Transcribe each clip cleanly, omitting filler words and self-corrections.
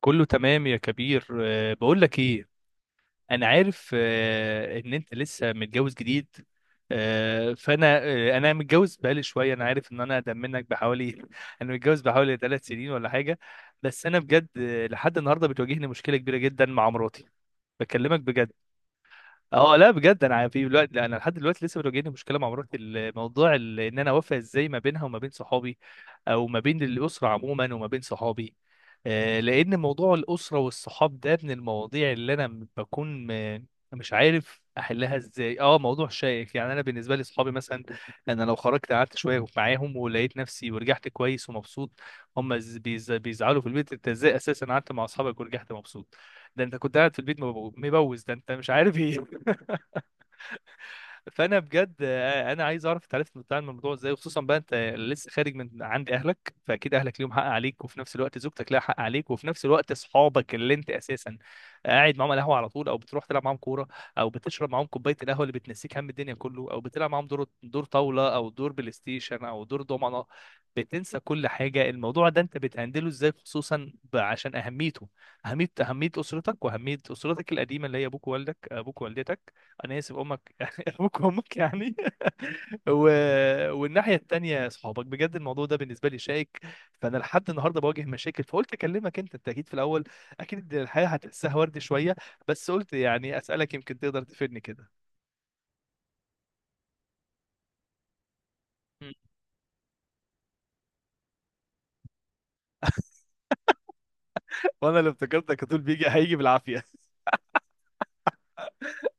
كله تمام يا كبير. بقول لك ايه. انا عارف ان انت لسه متجوز جديد. أه فانا أه انا متجوز بقالي شويه، انا عارف ان انا اقدم منك بحوالي انا متجوز بحوالي 3 سنين ولا حاجه. بس انا بجد، لحد النهارده بتواجهني مشكله كبيره جدا مع مراتي. بكلمك بجد. اه لا بجد انا في الوقت لا، انا لحد دلوقتي لسه بتواجهني مشكله مع مراتي. الموضوع ال- ان انا اوافق ازاي ما بينها وما بين صحابي، او ما بين الاسره عموما وما بين صحابي. لان موضوع الاسره والصحاب ده من المواضيع اللي انا م- بكون م- مش عارف احلها ازاي. اه موضوع شائك يعني. انا بالنسبه لي صحابي مثلا، انا لو خرجت قعدت شويه معاهم ولقيت نفسي ورجعت كويس ومبسوط. هم ز- بيز- بيزعلوا في البيت، انت ازاي اساسا قعدت مع اصحابك ورجعت مبسوط؟ ده انت كنت قاعد في البيت مبو- مبوز، ده انت مش عارف ايه. فانا بجد، انا عايز اعرف انت عرفت بتعمل الموضوع ازاي، وخصوصا بقى انت لسه خارج من عند اهلك، فاكيد اهلك ليهم حق عليك، وفي نفس الوقت زوجتك لها حق عليك، وفي نفس الوقت اصحابك اللي انت اساسا قاعد معاهم على القهوه على طول، او بتروح تلعب معاهم كوره، او بتشرب معاهم كوبايه القهوه اللي بتنسيك هم الدنيا كله، او بتلعب معاهم دور طاوله او دور بلاي ستيشن او دور دومنه، بتنسى كل حاجه. الموضوع ده انت بتهندله ازاي، خصوصا ب- عشان اهميته، اهميه اسرتك واهميه اسرتك القديمه اللي هي ابوك ووالدك، ابوك ووالدتك، انا اسف امك ابوك وامك يعني و... والناحيه التانيه صحابك. بجد الموضوع ده بالنسبه لي شائك، فانا لحد النهارده بواجه مشاكل، فقلت اكلمك انت، انت اكيد في الاول اكيد الحياه هتحسها ورد شويه، بس قلت يعني اسالك يمكن تقدر تفيدني كده. م. وانا اللي افتكرتك هتقول بيجي، هيجي بالعافيه.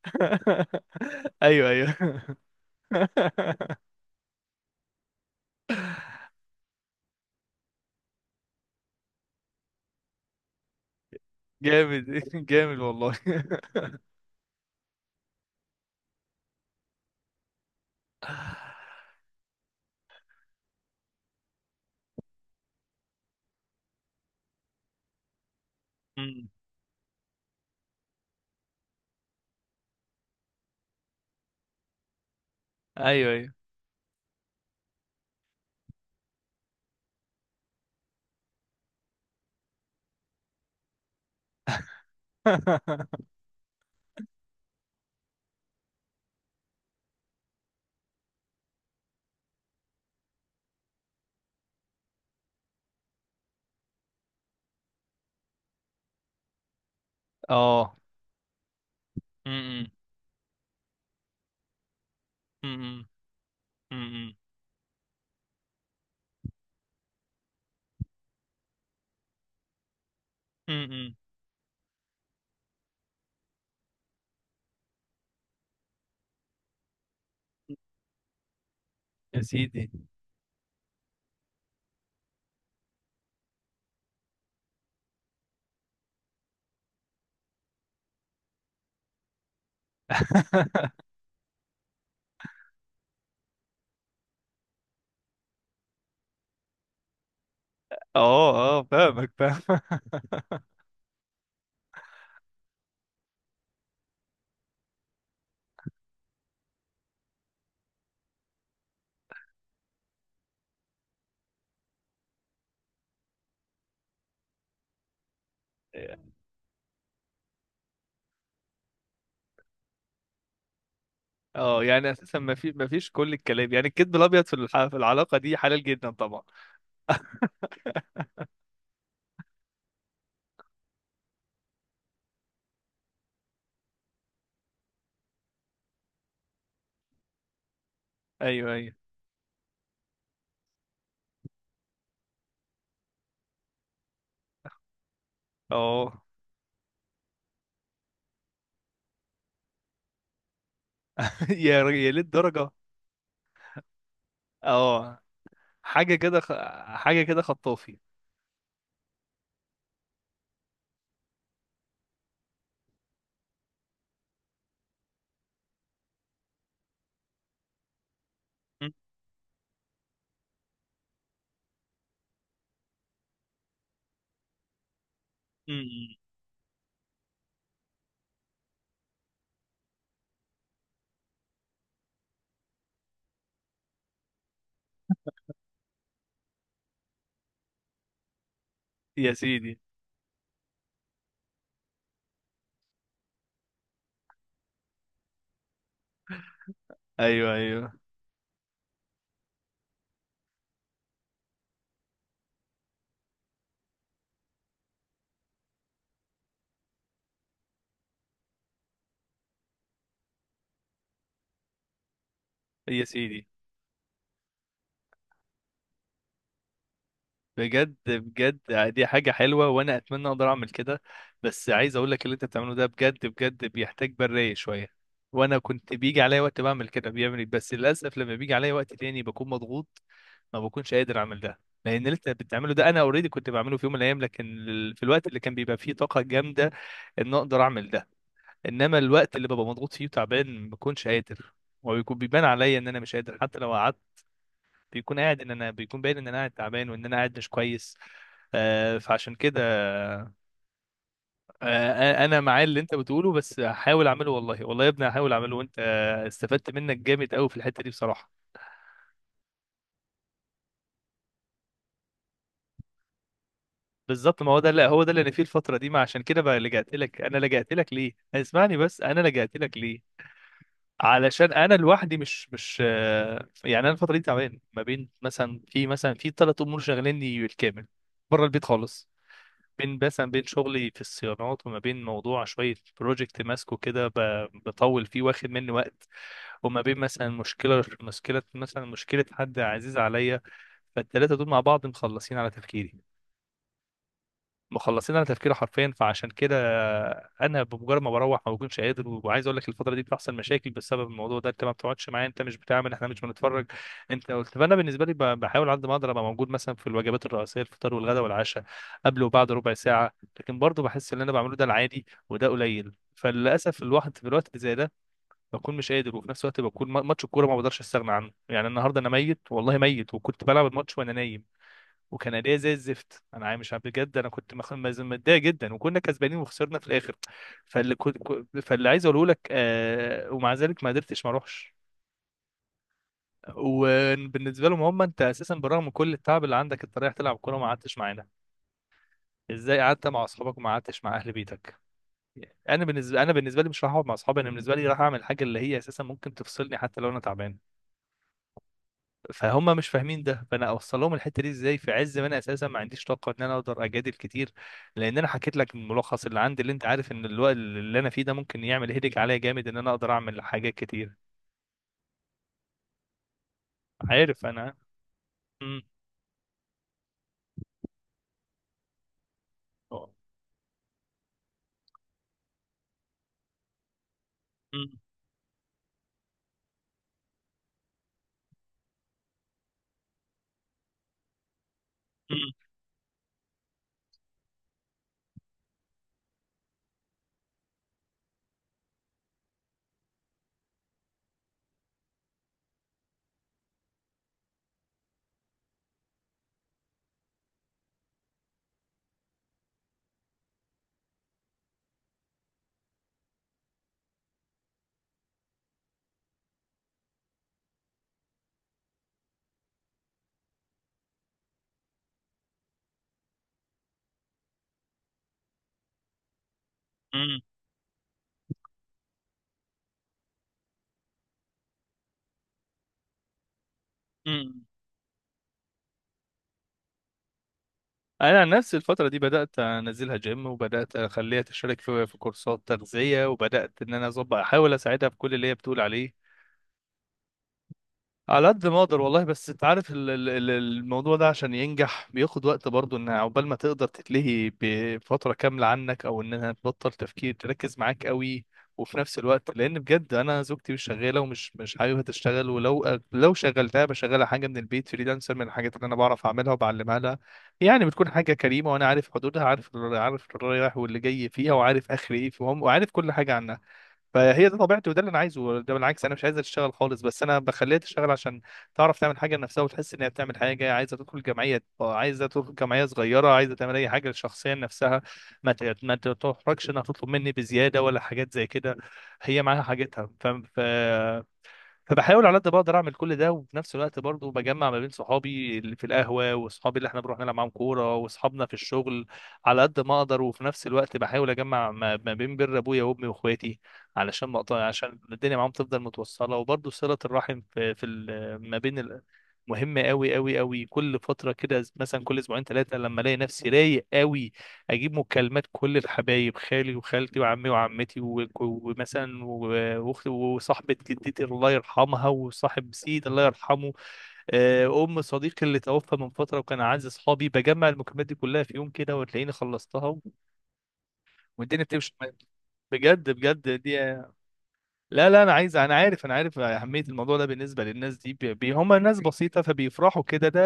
ايوه ايوه. جامد، جامد والله. م. ايوه ايوه. اه. م- م-. م- م-. م-. امم. يا سيدي. اه اه، فاهمك فاهم. اه يعني اساسا ما في، ما فيش كل الكلام، يعني الكذب الابيض في الح- في العلاقه دي حلال جدا طبعا. ايوه ايوه. اه. يا ر- يا للدرجه. اه حاجه كده خ... حاجه كده خطافي. م- م-. م. يا سيدي. ايوه ايوه. يا سيدي، بجد بجد يعني دي حاجة حلوة وأنا أتمنى أقدر أعمل كده. بس عايز أقول لك اللي أنت بتعمله ده بجد بجد بيحتاج برية شوية، وأنا كنت بيجي عليا وقت بعمل كده بيعمل إيه؟ بس للأسف لما بيجي عليا وقت تاني بكون مضغوط، ما بكونش قادر أعمل ده، لأن اللي أنت بتعمله ده أنا أوريدي كنت بعمله في يوم من الأيام، لكن ال- في الوقت اللي كان بيبقى فيه طاقة جامدة إن أقدر أعمل ده. إنما الوقت اللي ببقى مضغوط فيه وتعبان ما بكونش قادر، وبيكون بيبان عليا إن أنا مش قادر حتى لو قعدت. بيكون قاعد، إن أنا بيكون باين إن أنا قاعد تعبان وإن أنا قاعد مش كويس. فعشان كده، انا مع اللي انت بتقوله، بس هحاول اعمله والله، والله يا ابني هحاول اعمله، وانت استفدت منك جامد قوي في الحته دي بصراحه. بالظبط، ما هو ده، لا هو ده اللي انا فيه الفتره دي. ما عشان كده بقى لجأت لك، انا لجأت لك ليه، اسمعني بس، انا لجأت لك ليه؟ علشان انا لوحدي مش يعني انا الفتره دي تعبان، ما بين مثلا، في 3 امور شغليني بالكامل بره البيت خالص. بين مثلا، بين شغلي في الصيانات، وما بين موضوع شويه بروجكت ماسكه كده، ب- بطول فيه واخد مني وقت، وما بين مثلا مشكلة مثلا مشكلة حد عزيز عليا. فالتلاتة دول مع بعض مخلصين على تفكيري، مخلصين على تفكيري حرفيا. فعشان كده انا بمجرد ما بروح ما بكونش قادر. وعايز اقول لك الفتره دي بتحصل مشاكل بسبب الموضوع ده، انت ما بتقعدش معايا، انت مش بتعمل، احنا مش بنتفرج، انت قلت. فانا بالنسبه لي ب- بحاول على قد ما اقدر ابقى موجود مثلا في الوجبات الرئيسيه، الفطار والغداء والعشاء، قبل وبعد ربع ساعه. لكن برضه بحس ان اللي انا بعمله ده العادي وده قليل، فللاسف الواحد في الوقت اللي زي ده بكون مش قادر، وفي نفس الوقت بكون ما- ماتش الكوره ما بقدرش استغنى عنه. يعني النهارده انا ميت والله ميت، وكنت بلعب الماتش وانا نايم، وكان اداء زي الزفت. انا عا- مش عارف، بجد انا كنت مخ- مز- متضايق جدا، وكنا كسبانين وخسرنا في الاخر. فاللي كنت كو- فاللي عايز اقوله لك، ومع ذلك ما قدرتش ما اروحش. وبالنسبه لهم، هم انت اساسا برغم من كل التعب اللي عندك انت رايح تلعب كوره، ما قعدتش معانا، ازاي قعدت مع اصحابك وما قعدتش مع اهل بيتك؟ يعني انا بالنسبه لي مش راح اقعد مع اصحابي، انا بالنسبه لي راح اعمل حاجه اللي هي اساسا ممكن تفصلني حتى لو انا تعبان. فهم مش فاهمين ده. فانا اوصل لهم الحته دي ازاي في عز ما انا اساسا ما عنديش طاقه ان انا اقدر اجادل كتير؟ لان انا حكيت لك الملخص اللي عندي، اللي انت عارف ان الوقت اللي انا فيه ده ممكن يعمل هيدك عليا جامد ان انا اقدر اعمل حاجات كتير. عارف انا. مم. مم. مم. مم. مم. انا عن نفسي الفتره دي بدات انزلها جيم، وبدات اخليها تشترك في كورسات تغذيه، وبدات ان انا اظبط، احاول اساعدها في كل اللي هي بتقول عليه على قد ما اقدر والله. بس انت عارف ال- ال- ال- الموضوع ده عشان ينجح بياخد وقت برضه، ان عقبال ما تقدر تتلهي بفتره كامله عنك، او انها تبطل تفكير تركز معاك قوي. وفي نفس الوقت، لان بجد انا زوجتي مش شغاله، ومش مش حاببها تشتغل، ولو لو شغلتها بشغلها حاجه من البيت فريلانسر، من الحاجات اللي انا بعرف اعملها وبعلمها لها. يعني بتكون حاجه كريمه، وانا عارف حدودها، عارف الرايح واللي جاي فيها، وعارف اخر ايه فيهم، وعارف كل حاجه عنها. فهي ده طبيعتي وده اللي انا عايزه. ده بالعكس انا مش عايزها تشتغل خالص، بس انا بخليها تشتغل عشان تعرف تعمل حاجه لنفسها وتحس انها بتعمل حاجه. عايزه تدخل جمعيه، عايزه تدخل جمعيه صغيره، عايزه تعمل اي حاجه شخصيه لنفسها، ما ت- ما تحرجش انها تطلب مني بزياده ولا حاجات زي كده. هي معاها حاجتها، فاهم؟ فبحاول على قد ما اقدر اعمل كل ده. وفي نفس الوقت برضه بجمع ما بين صحابي اللي في القهوه، واصحابي اللي احنا بنروح نلعب معاهم كوره، واصحابنا في الشغل، على قد ما اقدر. وفي نفس الوقت بحاول اجمع ما بين بر ابويا وامي واخواتي، علشان ما اقطع، عشان الدنيا معاهم تفضل متوصله، وبرضه صله الرحم في ال- ما بين ال- مهمه قوي قوي قوي. كل فتره كده، مثلا كل اسبوعين ثلاثه، لما الاقي نفسي رايق قوي، اجيب مكالمات كل الحبايب، خالي وخالتي وعمي وعمتي و- ومثلا و- واختي وصاحبه جدتي الله يرحمها، وصاحب سيد الله يرحمه، ام صديقي اللي توفى من فتره وكان اعز اصحابي. بجمع المكالمات دي كلها في يوم كده، وتلاقيني خلصتها والدنيا بتمشي معايا. بجد بجد دي، لا لا انا عايز، انا عارف اهميه الموضوع ده بالنسبه للناس دي، بي بي- هم ناس بسيطه، فبيفرحوا كده، ده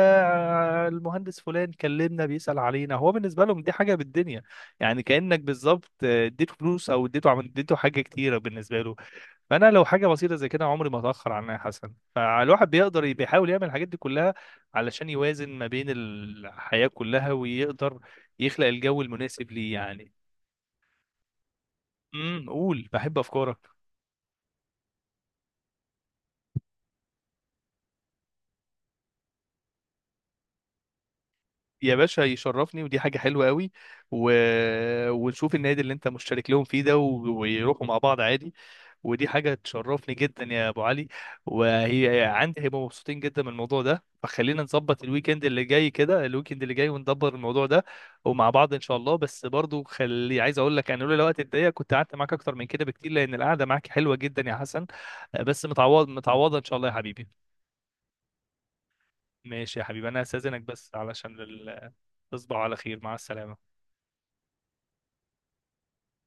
المهندس فلان كلمنا بيسال علينا، هو بالنسبه لهم دي حاجه بالدنيا. يعني كانك بالظبط اديته فلوس، او اديته عم- اديته حاجه كتيره بالنسبه له. فانا لو حاجه بسيطه زي كده عمري ما اتاخر عنها يا حسن. فالواحد بيقدر ي- بيحاول يعمل الحاجات دي كلها، علشان يوازن ما بين الحياه كلها، ويقدر يخلق الجو المناسب ليه يعني. امم، قول، بحب افكارك. يا باشا يشرفني، ودي حاجة حلوة قوي و... ونشوف النادي اللي انت مشترك لهم فيه ده و... ويروحوا مع بعض عادي، ودي حاجة تشرفني جدا يا ابو علي. وهي عندي هيبقوا مبسوطين جدا من الموضوع ده، فخلينا نظبط الويكند اللي جاي كده، الويكند اللي جاي وندبر الموضوع ده ومع بعض ان شاء الله. بس برضو خلي، عايز اقول لك انا لولا الوقت الضيق كنت قعدت معاك اكتر من كده بكتير، لان القعدة معاك حلوة جدا يا حسن. بس متعوض، متعوضة ان شاء الله يا حبيبي. ماشي يا حبيبي انا هستأذنك بس علشان ال... تصبح على خير، مع السلامة.